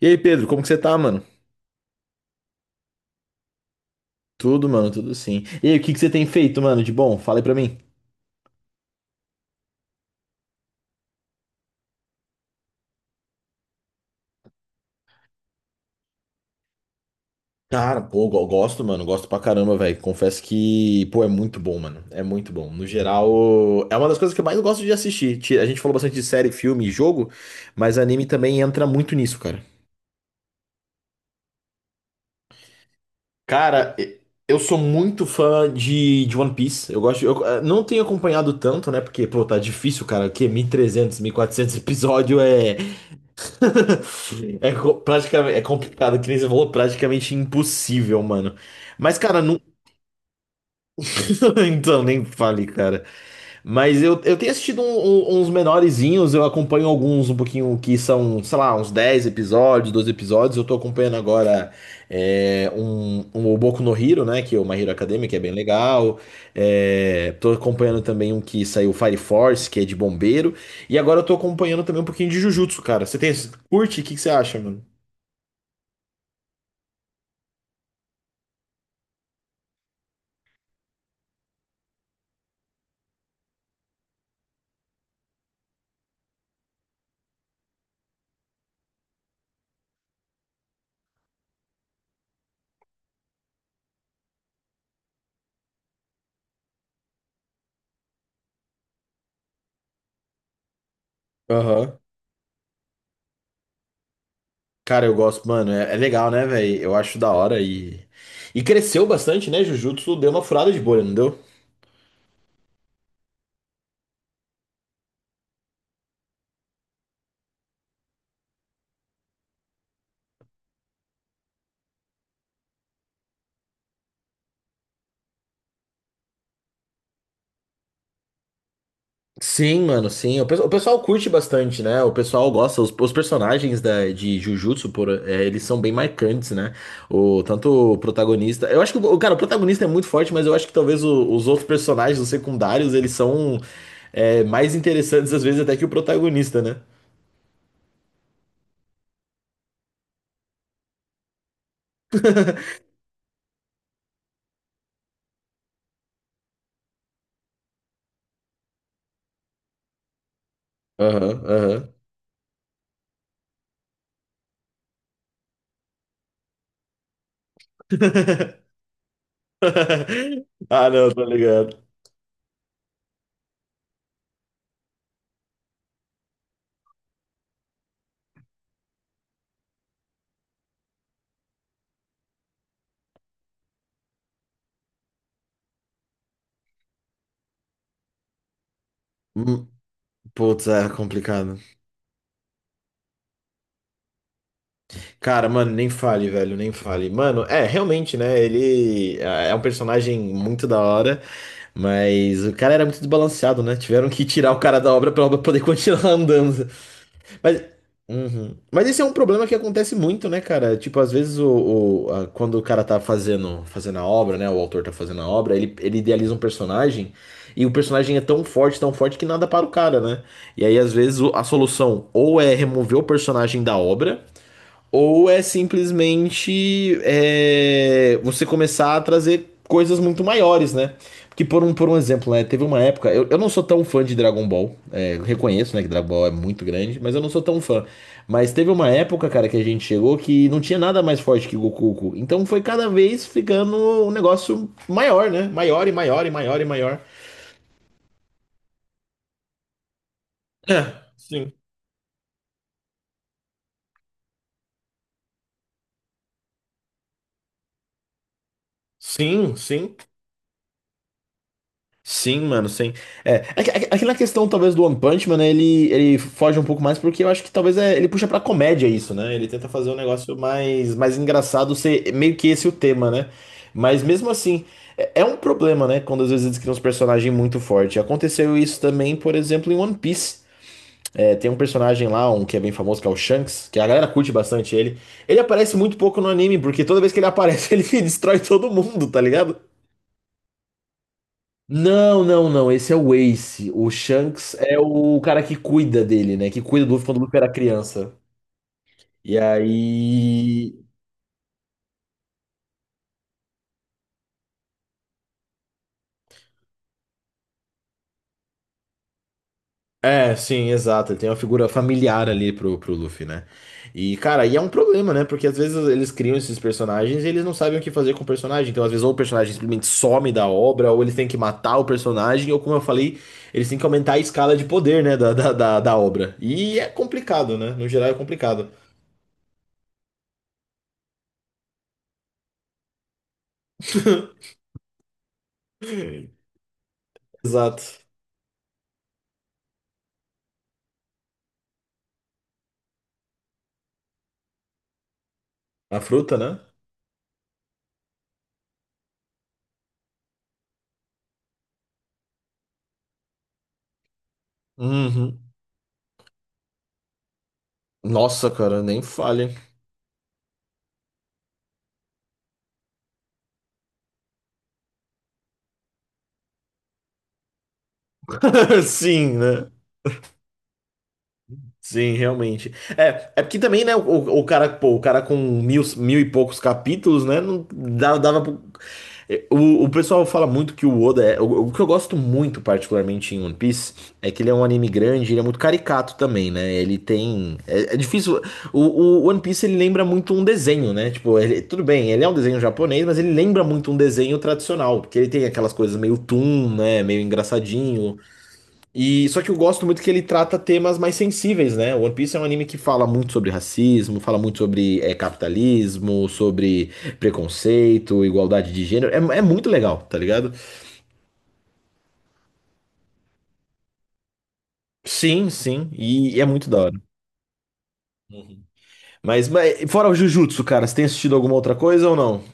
E aí, Pedro, como que você tá, mano? Tudo, mano, tudo sim. E aí, o que que você tem feito, mano, de bom? Fala aí pra mim. Cara, pô, eu gosto, mano, gosto pra caramba, velho. Confesso que, pô, é muito bom, mano. É muito bom. No geral, é uma das coisas que eu mais gosto de assistir. A gente falou bastante de série, filme e jogo, mas anime também entra muito nisso, cara. Cara, eu sou muito fã de One Piece. Eu gosto, eu não tenho acompanhado tanto, né? Porque, pô, tá difícil, cara. Que 1.300, 400 episódio é praticamente, é complicado, que nem você falou, praticamente impossível, mano. Mas, cara, não. Então, nem fale, cara. Mas eu tenho assistido uns menorezinhos, eu acompanho alguns um pouquinho que são, sei lá, uns 10 episódios, 12 episódios. Eu tô acompanhando agora o Boku no Hero, né? Que é o My Hero Academia, que é bem legal. É, tô acompanhando também um que saiu Fire Force, que é de bombeiro. E agora eu tô acompanhando também um pouquinho de Jujutsu, cara. Você tem, curte? O que que você acha, mano? Aham. Cara, eu gosto, mano. É, é legal, né, velho? Eu acho da hora e. E cresceu bastante, né? Jujutsu deu uma furada de bolha, não deu? Sim, mano, sim. O pessoal curte bastante, né? O pessoal gosta. Os personagens da, de Jujutsu, por, é, eles são bem marcantes, né? O, tanto o protagonista. Eu acho que, o cara, o protagonista é muito forte, mas eu acho que talvez os outros personagens, os secundários, eles são mais interessantes, às vezes, até que o protagonista, né? Aham, aham. Ah, não, tá ligado. Putz, é complicado. Cara, mano, nem fale, velho, nem fale. Mano, é, realmente, né? Ele é um personagem muito da hora, mas o cara era muito desbalanceado, né? Tiveram que tirar o cara da obra pra obra poder continuar andando. Mas, uhum. Mas esse é um problema que acontece muito, né, cara? Tipo, às vezes quando o cara tá fazendo, fazendo a obra, né? O autor tá fazendo a obra, ele idealiza um personagem e o personagem é tão forte que nada para o cara, né? E aí, às vezes, a solução ou é remover o personagem da obra, ou é simplesmente é, você começar a trazer coisas muito maiores, né? Porque por um exemplo, né? Teve uma época. Eu não sou tão fã de Dragon Ball. É, eu reconheço, né, que Dragon Ball é muito grande, mas eu não sou tão fã. Mas teve uma época, cara, que a gente chegou que não tinha nada mais forte que Goku. Então foi cada vez ficando um negócio maior, né? Maior e maior e maior e maior. É, sim. Sim, sim. Sim, mano, sim. É, na questão talvez do One Punch Man, né, ele foge um pouco mais porque eu acho que talvez ele puxa pra comédia isso, né? Ele tenta fazer um negócio mais, mais engraçado, ser meio que esse o tema, né? Mas mesmo assim, é, é um problema, né? Quando às vezes eles criam uns personagens muito fortes. Aconteceu isso também, por exemplo, em One Piece. É, tem um personagem lá, um que é bem famoso, que é o Shanks, que a galera curte bastante ele. Ele aparece muito pouco no anime, porque toda vez que ele aparece, ele destrói todo mundo, tá ligado? Não, não, não. Esse é o Ace. O Shanks é o cara que cuida dele, né? Que cuida do Luffy quando o Luffy era criança. E aí. É, sim, exato. Ele tem uma figura familiar ali pro, pro Luffy, né? E, cara, e é um problema, né? Porque às vezes eles criam esses personagens e eles não sabem o que fazer com o personagem. Então, às vezes, ou o personagem simplesmente some da obra, ou eles têm que matar o personagem, ou, como eu falei, eles têm que aumentar a escala de poder, né? Da obra. E é complicado, né? No geral, é complicado. Exato. A fruta, né? Uhum. Nossa, cara, nem falha. Sim, né? Sim, realmente. É, é porque também, né, o cara, pô, o cara com mil, mil e poucos capítulos, né, não dava, dava É, O, o pessoal fala muito que o Oda é. O que eu gosto muito, particularmente em One Piece, é que ele é um anime grande, ele é muito caricato também, né? Ele tem. É, é difícil. O One Piece ele lembra muito um desenho, né? Tipo, tudo bem, ele é um desenho japonês, mas ele lembra muito um desenho tradicional, porque ele tem aquelas coisas meio toon, né? Meio engraçadinho. E só que eu gosto muito que ele trata temas mais sensíveis, né? One Piece é um anime que fala muito sobre racismo, fala muito sobre capitalismo, sobre preconceito, igualdade de gênero. É, é muito legal, tá ligado? Sim, sim, e é muito da hora. Uhum. Mas fora o Jujutsu, cara, você tem assistido alguma outra coisa ou não?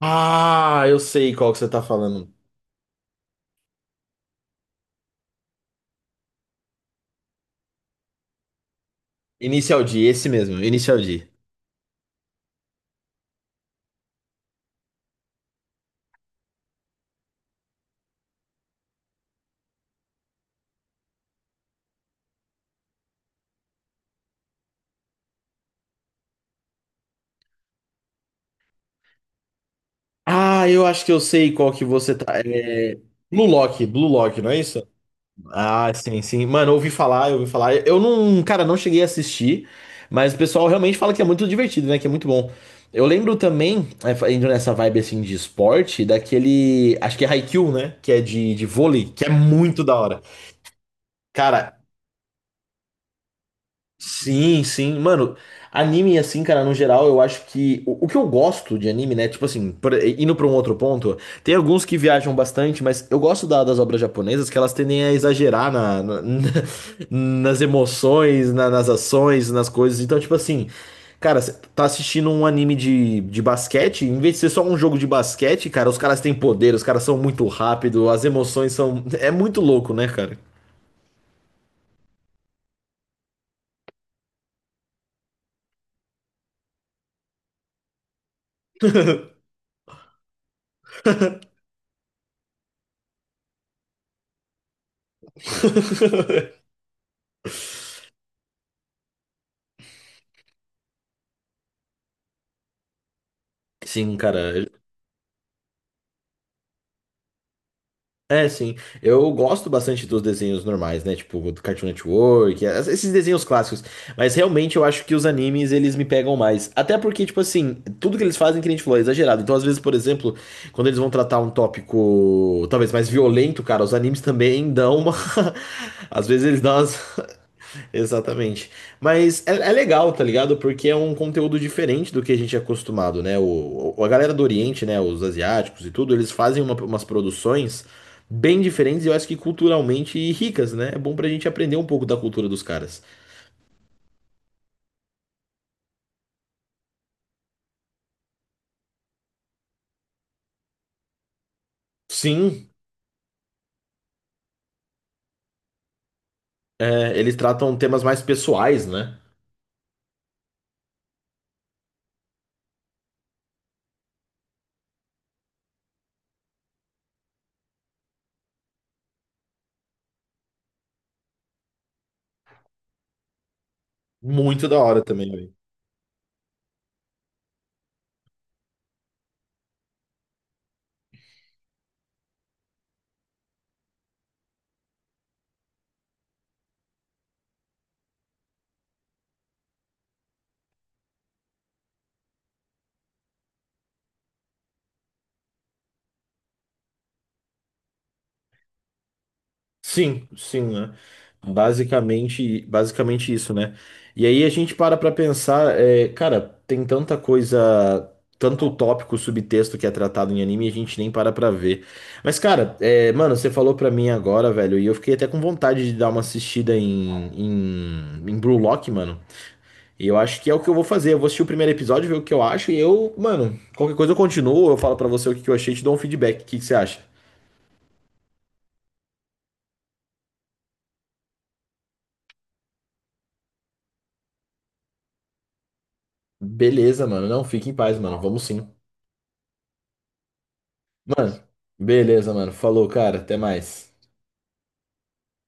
Ah, eu sei qual que você tá falando. Inicial D, esse mesmo, Inicial D. Ah, eu acho que eu sei qual que você tá. É... Blue Lock, Blue Lock, não é isso? Ah, sim, sim. Mano, eu ouvi falar, eu ouvi falar. Eu não, cara, não cheguei a assistir, mas o pessoal realmente fala que é muito divertido, né? Que é muito bom. Eu lembro também, é, indo nessa vibe assim de esporte, daquele, acho que é Haikyuu, né? Que é de vôlei, que é muito da hora. Cara, sim, sim. Mano, anime, assim, cara, no geral, eu acho que. O que eu gosto de anime, né? Tipo assim, indo pra um outro ponto, tem alguns que viajam bastante, mas eu gosto das obras japonesas que elas tendem a exagerar na, na- nas emoções, nas ações, nas coisas. Então, tipo assim, cara, você tá assistindo um anime de basquete, em vez de ser só um jogo de basquete, cara, os caras têm poder, os caras são muito rápidos, as emoções são. É muito louco, né, cara? Sim, cara. É, sim. Eu gosto bastante dos desenhos normais, né? Tipo, do Cartoon Network, esses desenhos clássicos. Mas realmente eu acho que os animes, eles me pegam mais. Até porque, tipo assim, tudo que eles fazem, que nem a gente falou, é exagerado. Então, às vezes, por exemplo, quando eles vão tratar um tópico talvez mais violento, cara, os animes também dão uma. Às vezes eles dão umas. Exatamente. Mas é, é legal, tá ligado? Porque é um conteúdo diferente do que a gente é acostumado, né? A galera do Oriente, né? Os asiáticos e tudo, eles fazem umas produções bem diferentes e eu acho que culturalmente ricas, né? É bom pra gente aprender um pouco da cultura dos caras. Sim, é, eles tratam temas mais pessoais, né? Muito da hora também, velho. Sim, sim, né? Basicamente, basicamente isso, né? E aí a gente para pra pensar, é, cara, tem tanta coisa, tanto tópico, subtexto que é tratado em anime e a gente nem para pra ver. Mas, cara, é, mano, você falou pra mim agora, velho, e eu fiquei até com vontade de dar uma assistida em, em, em Blue Lock, mano. E eu acho que é o que eu vou fazer. Eu vou assistir o primeiro episódio, ver o que eu acho, e eu, mano, qualquer coisa eu continuo, eu falo pra você o que que eu achei, e te dou um feedback. O que que você acha? Beleza, mano. Não, fique em paz, mano. Vamos sim. Mano, beleza, mano. Falou, cara. Até mais.